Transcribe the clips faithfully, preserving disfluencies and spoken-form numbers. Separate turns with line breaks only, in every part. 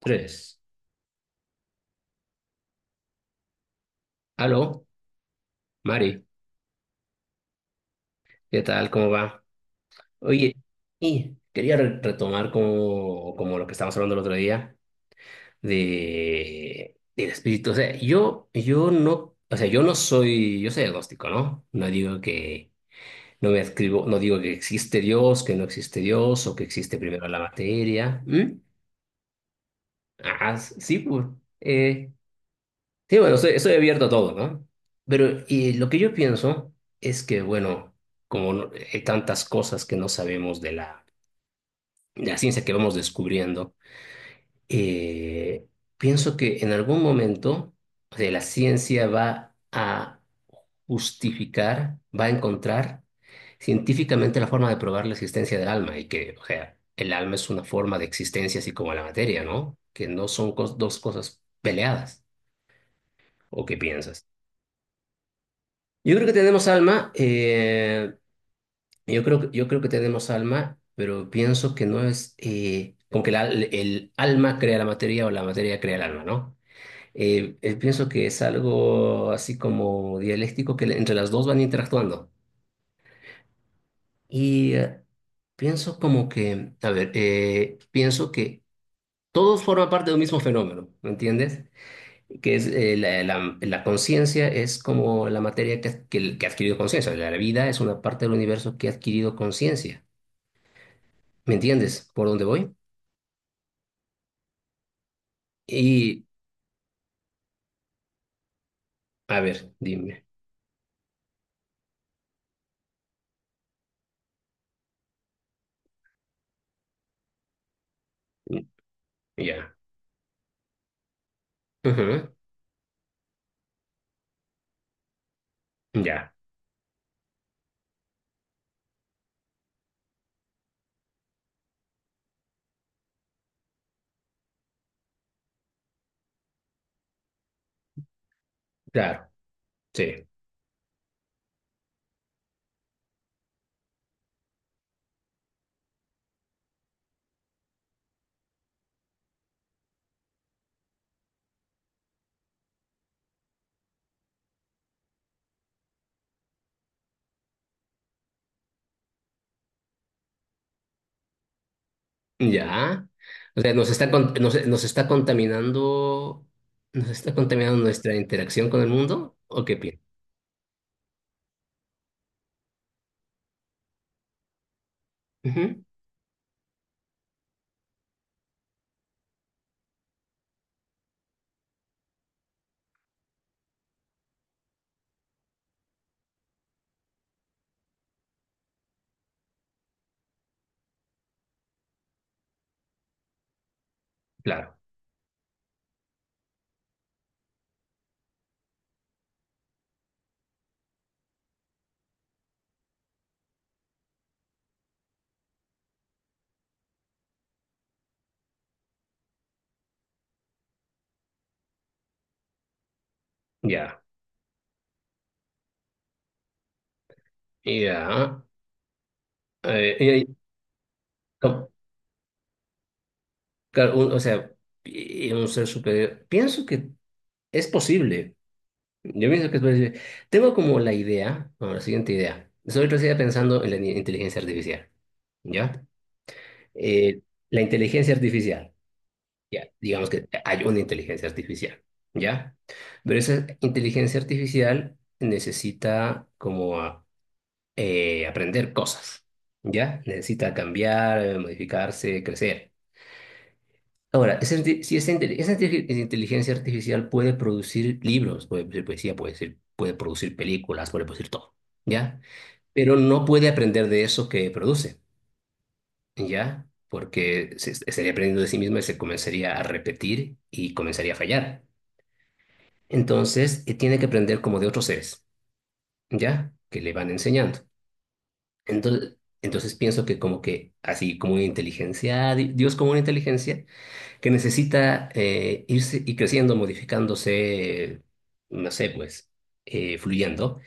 Tres. Aló, Mari, ¿qué tal? ¿Cómo va? Oye, y quería re- retomar como, como lo que estábamos hablando el otro día de, del espíritu. O sea, yo, yo no, o sea, yo no soy, yo soy agnóstico, ¿no? No digo que, no me escribo, no digo que existe Dios, que no existe Dios, o que existe primero la materia. ¿Mm? Ah, sí, pues. eh, Sí, bueno, estoy, estoy abierto a todo, ¿no? Pero y lo que yo pienso es que, bueno, como no- hay tantas cosas que no sabemos de la, de la ciencia que vamos descubriendo, eh, pienso que en algún momento, o sea, la ciencia va a justificar, va a encontrar científicamente la forma de probar la existencia del alma y que, o sea, el alma es una forma de existencia así como la materia, ¿no? Que no son cos- dos cosas peleadas. ¿O qué piensas? Yo creo que tenemos alma, eh, yo creo, yo creo que tenemos alma, pero pienso que no es eh, como que la- el alma crea la materia o la materia crea el alma, ¿no? Eh, eh, pienso que es algo así como dialéctico que le- entre las dos van interactuando. Y eh, pienso como que, a ver, eh, pienso que todos forman parte de un mismo fenómeno, ¿me entiendes? Que es eh, la, la- la conciencia es como la materia que, ha- que, que ha adquirido conciencia. La vida es una parte del universo que ha adquirido conciencia. ¿Me entiendes por dónde voy? Y, a ver, dime. Ya. Ujú. Ya, claro. Sí. Ya. O sea, nos está, con- nos, nos está contaminando, nos está contaminando nuestra interacción con el mundo, ¿o qué piensas? Ujú. Claro. Ya. Ya. Eh, eh, ¿cómo? Claro, un- o sea, pi- un ser superior. Pienso que es posible. Yo pienso que es posible. Tengo como la idea, como la siguiente idea. Soy todavía pensando en la ni- inteligencia artificial. ¿Ya? Eh, la inteligencia artificial. Ya, digamos que hay una inteligencia artificial. ¿Ya? Pero esa inteligencia artificial necesita como a- eh, aprender cosas. ¿Ya? Necesita cambiar, eh, modificarse, crecer. Ahora, esa, inte- si esa, inte- esa inte- esa inteligencia artificial puede producir libros, puede producir poesía, puede decir- puede producir películas, puede producir todo, ¿ya? Pero no puede aprender de eso que produce, ¿ya? Porque se- estaría aprendiendo de sí misma y se comenzaría a repetir y comenzaría a fallar. Entonces, eh, tiene que aprender como de otros seres, ¿ya? Que le van enseñando. Entonces, entonces pienso que como que así como una inteligencia, di- Dios como una inteligencia que necesita eh, irse y creciendo, modificándose, no sé, pues, eh, fluyendo,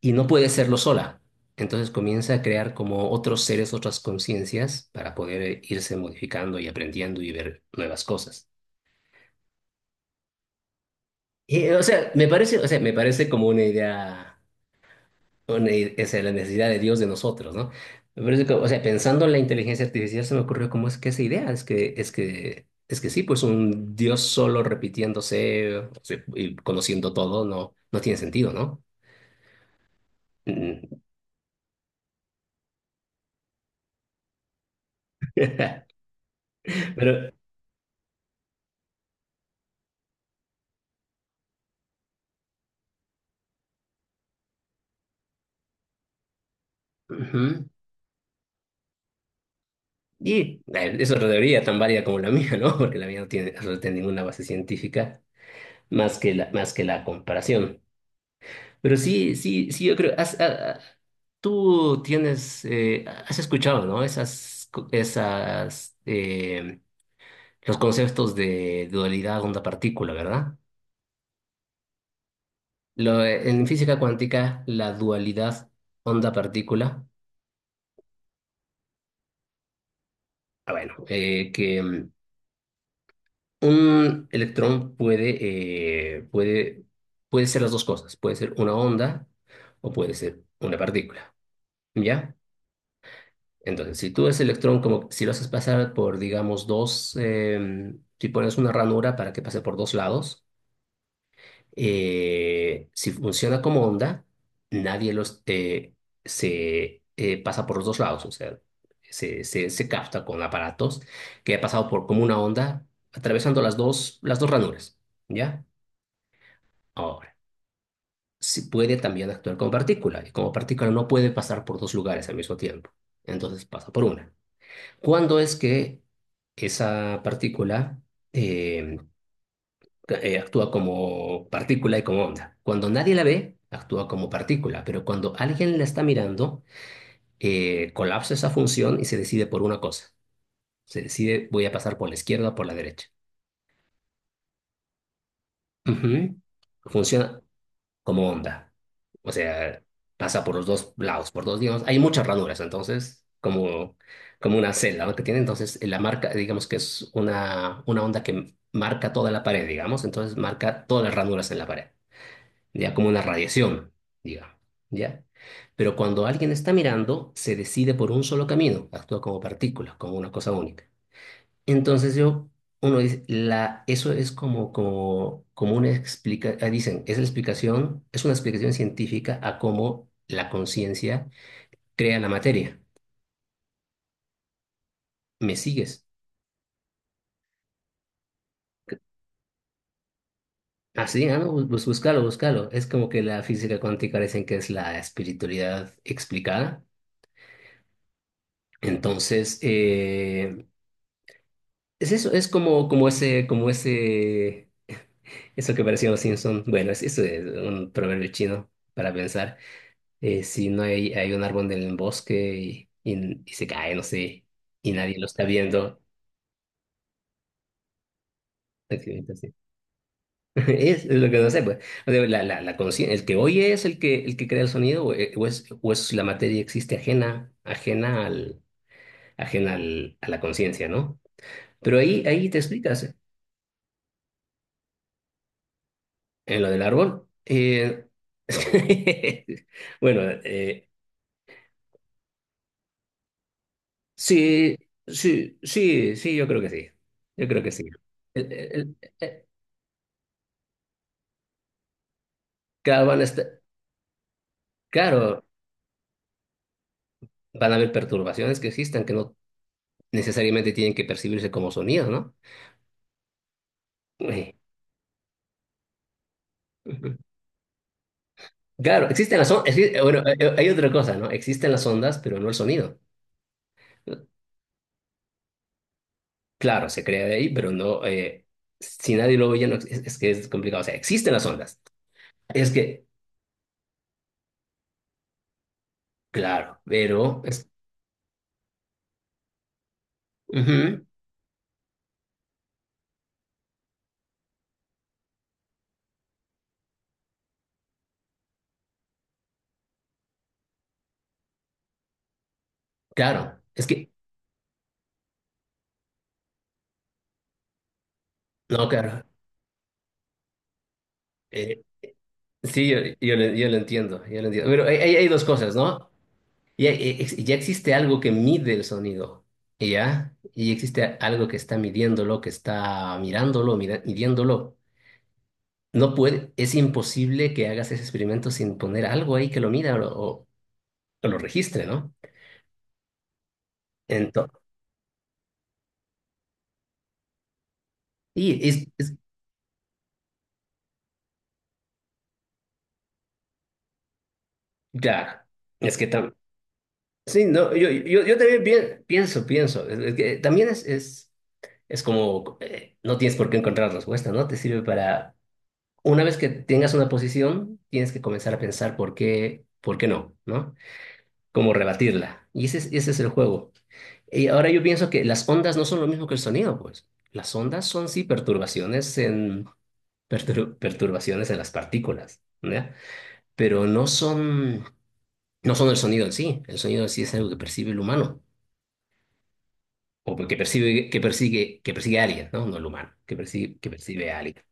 y no puede hacerlo sola. Entonces comienza a crear como otros seres, otras conciencias para poder eh, irse modificando y aprendiendo y ver nuevas cosas. Y, o sea, me parece, o sea, me parece como una idea, una i- esa es la necesidad de Dios de nosotros, ¿no? Me parece que, o sea, pensando en la inteligencia artificial se me ocurrió cómo es que esa idea, es que, es que, es que sí, pues un Dios solo repitiéndose, o sea, y conociendo todo no, no tiene sentido, ¿no? Mm. Pero, ujú. Y eh, es otra teoría tan válida como la mía, ¿no? Porque la mía no tiene, no tiene ninguna base científica más que la, más que la comparación. Pero sí, sí, sí, yo creo, has- ah, ah, tú tienes, eh, has escuchado, ¿no? Esas, co- esas, eh, los conceptos de dualidad onda-partícula, ¿verdad? Lo, eh, en física cuántica, la dualidad onda-partícula, ah, bueno, eh, que mm, un electrón puede, eh, puede, puede ser las dos cosas, puede ser una onda o puede ser una partícula, ¿ya? Entonces, si tú ese electrón, como si lo haces pasar por, digamos, dos, eh, si pones una ranura para que pase por dos lados, eh, si funciona como onda, nadie los, eh, se eh, pasa por los dos lados, o sea, se, se, se capta con aparatos que ha pasado por como una onda, atravesando las dos, las dos ranuras, ¿ya? Ahora, si puede también actuar como partícula, y como partícula no puede pasar por dos lugares al mismo tiempo, entonces pasa por una. ¿Cuándo es que esa partícula eh, eh, actúa como partícula y como onda? Cuando nadie la ve, actúa como partícula, pero cuando alguien la está mirando, eh, colapsa esa función y se decide por una cosa. Se decide, voy a pasar por la izquierda o por la derecha. Ujú. Funciona como onda. O sea, pasa por los dos lados, por dos, digamos, hay muchas ranuras, entonces, como, como una celda, ¿no? Que tiene, entonces, la marca, digamos que es una, una onda que marca toda la pared, digamos, entonces marca todas las ranuras en la pared, ya como una radiación, digamos, ¿ya? Pero cuando alguien está mirando, se decide por un solo camino, actúa como partícula, como una cosa única. Entonces yo, uno dice, la, eso es como, como, como una explicación, dicen, es la explicación, es una explicación científica a cómo la conciencia crea la materia. ¿Me sigues? Así, ah, no, bú- bú- búscalo, búscalo. Es como que la física cuántica dicen que es la espiritualidad explicada. Entonces, eh, es eso, es como, como ese, como ese, eso que parecía los Simpson. Bueno, es, eso es un proverbio chino para pensar. Eh, si no hay, hay un árbol en el bosque y, y- y se cae, no sé, y nadie lo está viendo. Entonces, es lo que no sé, pues. O sea, la, la, la consci- el que oye es el que, el que crea el sonido, o, eh, o es, o es la materia existe ajena, ajena al, ajena al, a la conciencia, ¿no? Pero ahí, ahí te explicas en lo del árbol. eh, bueno, eh, sí, sí, sí, sí, yo creo que sí. Yo creo que sí. El- el- el- Claro, van a estar. Claro, van a haber perturbaciones que existan que no necesariamente tienen que percibirse como sonidos, ¿no? Eh, ujú. Claro, existen las ondas, bueno, eh, bueno, eh, hay otra cosa, ¿no? Existen las ondas, pero no el sonido. Claro, se crea de ahí, pero no, eh, si nadie lo oye, no ex- es, es que es complicado. O sea, existen las ondas. Es que, claro, pero es, ujú, claro, es que, no, claro. eh, sí, yo, yo, lo yo lo entiendo, yo lo entiendo. Pero hay, hay hay dos cosas, ¿no? Ya, eh, ex- ya existe algo que mide el sonido, ¿ya? Y existe algo que está midiéndolo, que está mirándolo, mira- midiéndolo. No puede, es imposible que hagas ese experimento sin poner algo ahí que lo mida o, lo o- o lo registre, ¿no? Entonces, y es, es- claro, es que tam- sí, no, yo, yo, yo también pien- pienso, pienso, es, es que también es, es, es como, eh, no tienes por qué encontrar respuesta, ¿no? Te sirve para, una vez que tengas una posición, tienes que comenzar a pensar por qué, por qué no, ¿no? Cómo rebatirla. Y ese es, ese es el juego. Y ahora yo pienso que las ondas no son lo mismo que el sonido, pues. Las ondas son sí perturbaciones en, pertur- perturbaciones en las partículas, ¿ya? Pero no son, no son el sonido en sí. El sonido en sí es algo que percibe el humano, o que percibe, que persigue, que persigue a alguien, ¿no? No el humano, que percibe, que percibe a alguien.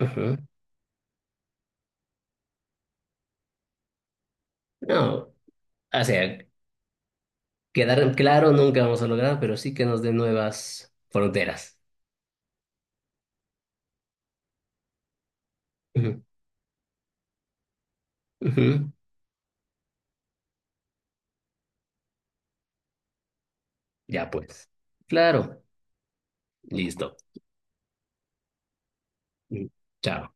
Ujú. No, o sea, quedar claro nunca vamos a lograr, pero sí que nos dé nuevas fronteras. Ujú, ujú. Ya pues. Claro. Listo. Ujú. Chao.